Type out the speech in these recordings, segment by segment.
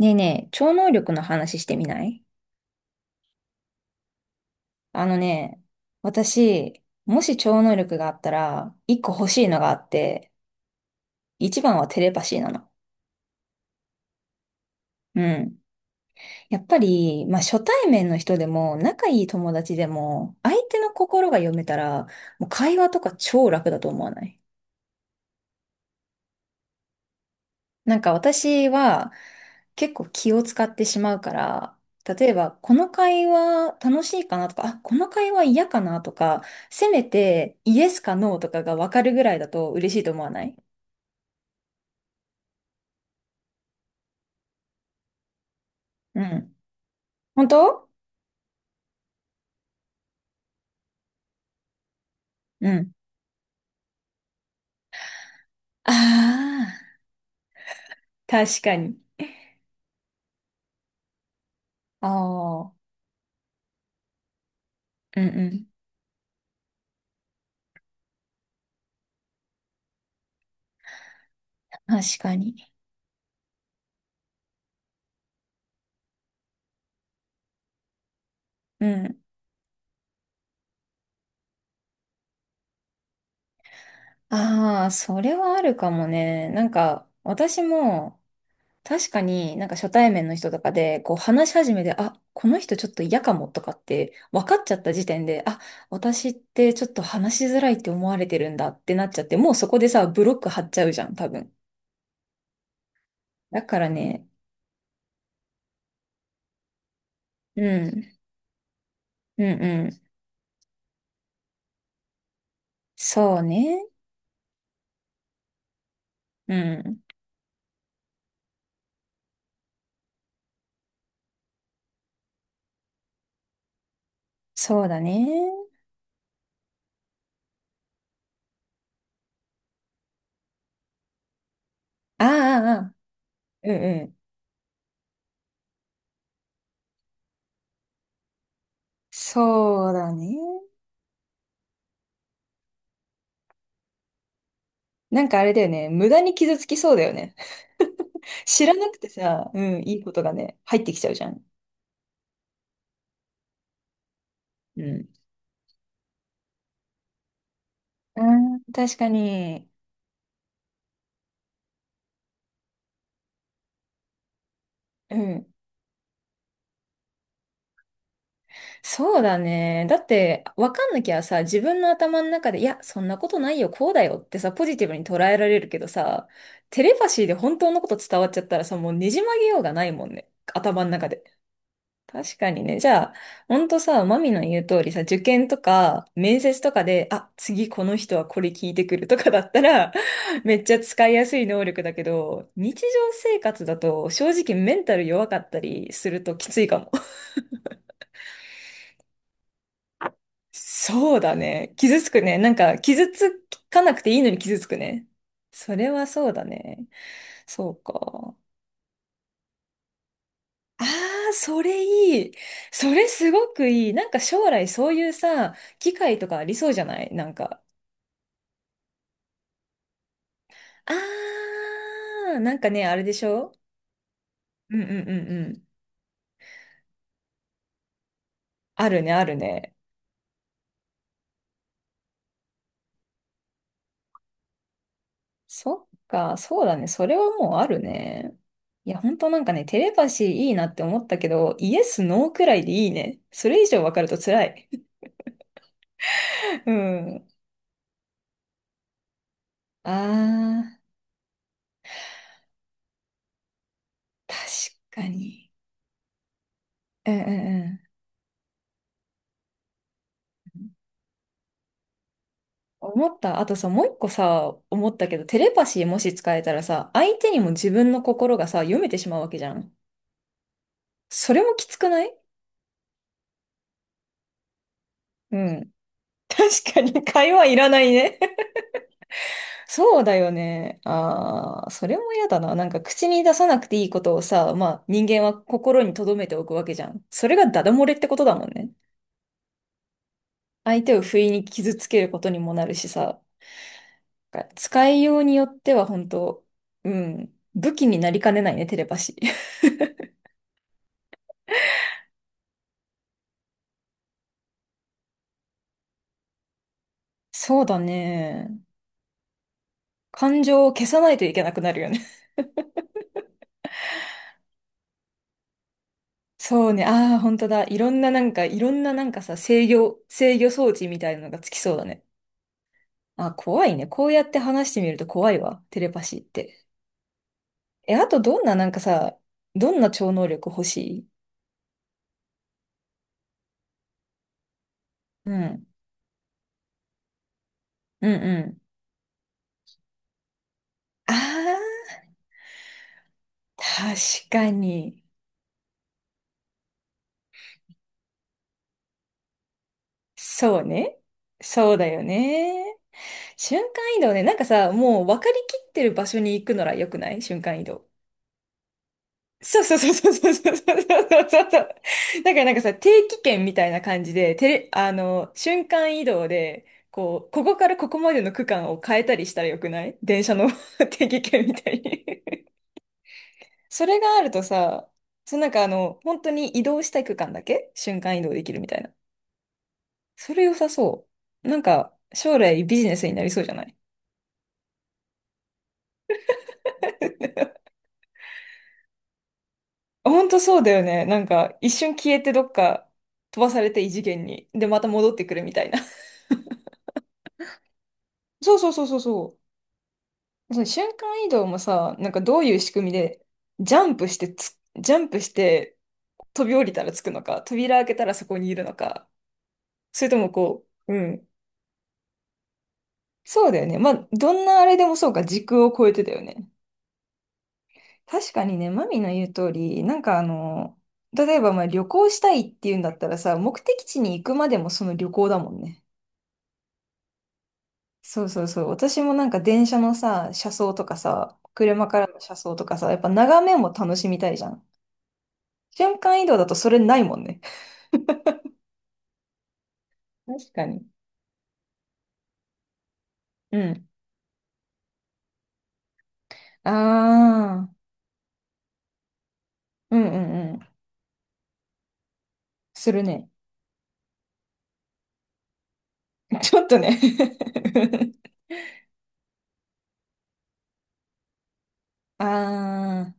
ねえねえ、超能力の話してみない？あのね、私、もし超能力があったら、一個欲しいのがあって、一番はテレパシーなの。うん。やっぱり、まあ、初対面の人でも、仲いい友達でも、相手の心が読めたら、もう会話とか超楽だと思わない？なんか私は結構気を使ってしまうから、例えばこの会話楽しいかなとか、あ、この会話嫌かなとか、せめてイエスかノーとかがわかるぐらいだと嬉しいと思わない？うん。本当？うん。ああ、確かに。ああ、うんうん。確かに。うん。ああ、それはあるかもね。なんか私も確かになんか初対面の人とかでこう話し始めて、あ、この人ちょっと嫌かもとかって分かっちゃった時点で、あ、私ってちょっと話しづらいって思われてるんだってなっちゃって、もうそこでさ、ブロック張っちゃうじゃん、多分。だからね、うん、うんうん。そうね。うん。そうだね。ああ、ああ、うんうん。そうだね。なんかあれだよね。無駄に傷つきそうだよね。知らなくてさ、うん、いいことがね、入ってきちゃうじゃん。うん。うん、確かに。うん。そうだね。だって、わかんなきゃさ、自分の頭の中で、いや、そんなことないよ、こうだよってさ、ポジティブに捉えられるけどさ、テレパシーで本当のこと伝わっちゃったらさ、もうねじ曲げようがないもんね。頭の中で。確かにね。じゃあ、ほんとさ、マミの言う通りさ、受験とか、面接とかで、あ、次この人はこれ聞いてくるとかだったら、めっちゃ使いやすい能力だけど、日常生活だと、正直メンタル弱かったりするときついかも。そうだね。傷つくね。なんか、傷つかなくていいのに傷つくね。それはそうだね。そうか。ああ、それいい。それすごくいい。なんか将来そういうさ、機会とかありそうじゃない？なんか。ああ、なんかね、あれでしょ？うんうんうんうん。あるね、あるね。そっか、そうだね。それはもうあるね。いや、ほんとなんかね、テレパシーいいなって思ったけど、イエス、ノーくらいでいいね。それ以上わかると辛い。うん。ああ、確かに。うんうんうん。思った。あとさ、もう一個さ、思ったけど、テレパシーもし使えたらさ、相手にも自分の心がさ、読めてしまうわけじゃん。それもきつくない？うん。確かに、会話いらないね。そうだよね。ああ、それも嫌だな。なんか口に出さなくていいことをさ、まあ人間は心に留めておくわけじゃん。それがダダ漏れってことだもんね。相手を不意に傷つけることにもなるしさ。なんか使いようによっては本当、うん、武器になりかねないね、テレパシー。そうだね。感情を消さないといけなくなるよね。そうね。ああ、本当だ。いろんななんか、いろんななんかさ、制御装置みたいなのがつきそうだね。あ、怖いね。こうやって話してみると怖いわ。テレパシーって。え、あとどんななんかさ、どんな超能力欲しい？うん。うんうん。ああ、確かに。そうね。そうだよね。瞬間移動ね。なんかさ、もう分かりきってる場所に行くのら良くない？瞬間移動。そうそうそうそうそうそうそうそうそう。だからなんかさ、定期券みたいな感じで、テレ、あの、瞬間移動で、こう、ここからここまでの区間を変えたりしたら良くない？電車の 定期券みたいにそれがあるとさ、そのなんか本当に移動したい区間だけ瞬間移動できるみたいな。それ良さそう。なんか、将来ビジネスになりそうじゃない？ほんとそうだよね。なんか、一瞬消えてどっか飛ばされて異次元に。で、また戻ってくるみたいな。そうそうそうそうそう。その瞬間移動もさ、なんかどういう仕組みで、ジャンプして飛び降りたらつくのか、扉開けたらそこにいるのか、それともこう、うん。そうだよね。まあ、どんなあれでもそうか、時空を超えてだよね。確かにね、マミの言う通り、なんか例えばまあ旅行したいっていうんだったらさ、目的地に行くまでもその旅行だもんね。そうそうそう。私もなんか電車のさ、車窓とかさ、車からの車窓とかさ、やっぱ眺めも楽しみたいじゃん。瞬間移動だとそれないもんね。確かに。うん。ああ、うんうんうん。するね。ちょっとね あ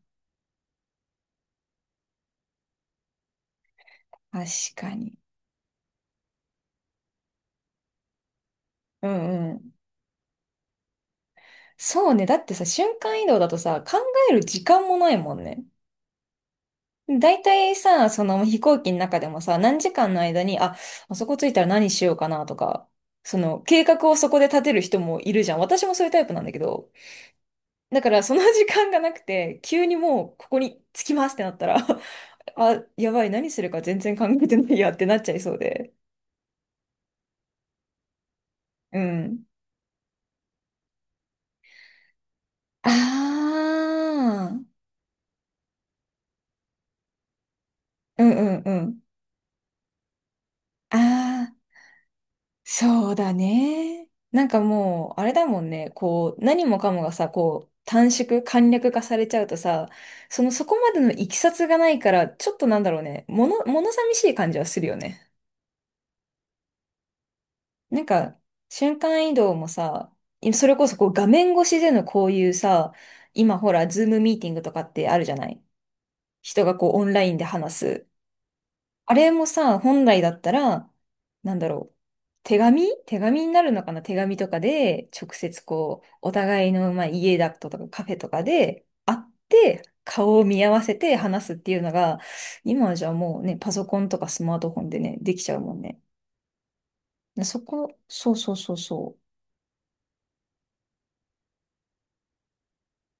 あ、確かに。うんうん。そうね。だってさ、瞬間移動だとさ、考える時間もないもんね。大体さ、その飛行機の中でもさ、何時間の間に、あ、あそこ着いたら何しようかなとか、その計画をそこで立てる人もいるじゃん。私もそういうタイプなんだけど、だからその時間がなくて、急にもうここに着きますってなったら あ、やばい、何するか全然考えてないやってなっちゃいそうで。うん。ああ、うんうんうん。ああ。そうだね。なんかもう、あれだもんね。こう、何もかもがさ、こう、簡略化されちゃうとさ、そのそこまでのいきさつがないから、ちょっとなんだろうね。物寂しい感じはするよね。なんか、瞬間移動もさ、それこそこう画面越しでのこういうさ、今ほら、ズームミーティングとかってあるじゃない？人がこうオンラインで話す。あれもさ、本来だったら、なんだろう。手紙になるのかな？手紙とかで、直接こう、お互いの、まあ、家だとかカフェとかで会って、顔を見合わせて話すっていうのが、今はじゃあもうね、パソコンとかスマートフォンでね、できちゃうもんね。でそこ、そうそうそうそ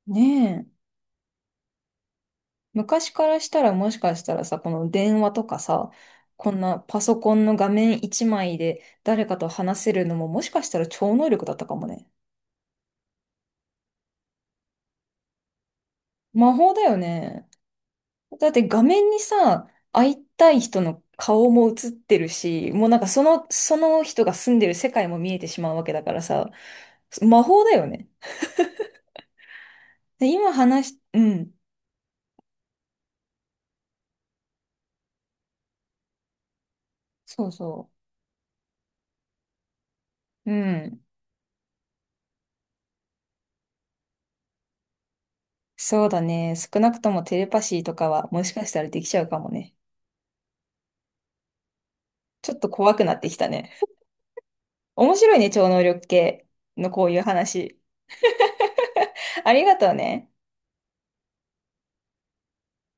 う。ねえ。昔からしたらもしかしたらさ、この電話とかさ、こんなパソコンの画面一枚で誰かと話せるのももしかしたら超能力だったかもね。魔法だよね。だって画面にさ、会いたい人の顔も映ってるし、もうなんかその人が住んでる世界も見えてしまうわけだからさ、魔法だよね。で、今話し、うん。そうそう。うん。そうだね。少なくともテレパシーとかはもしかしたらできちゃうかもね。ちょっと怖くなってきたね。面白いね、超能力系のこういう話。ありがとうね。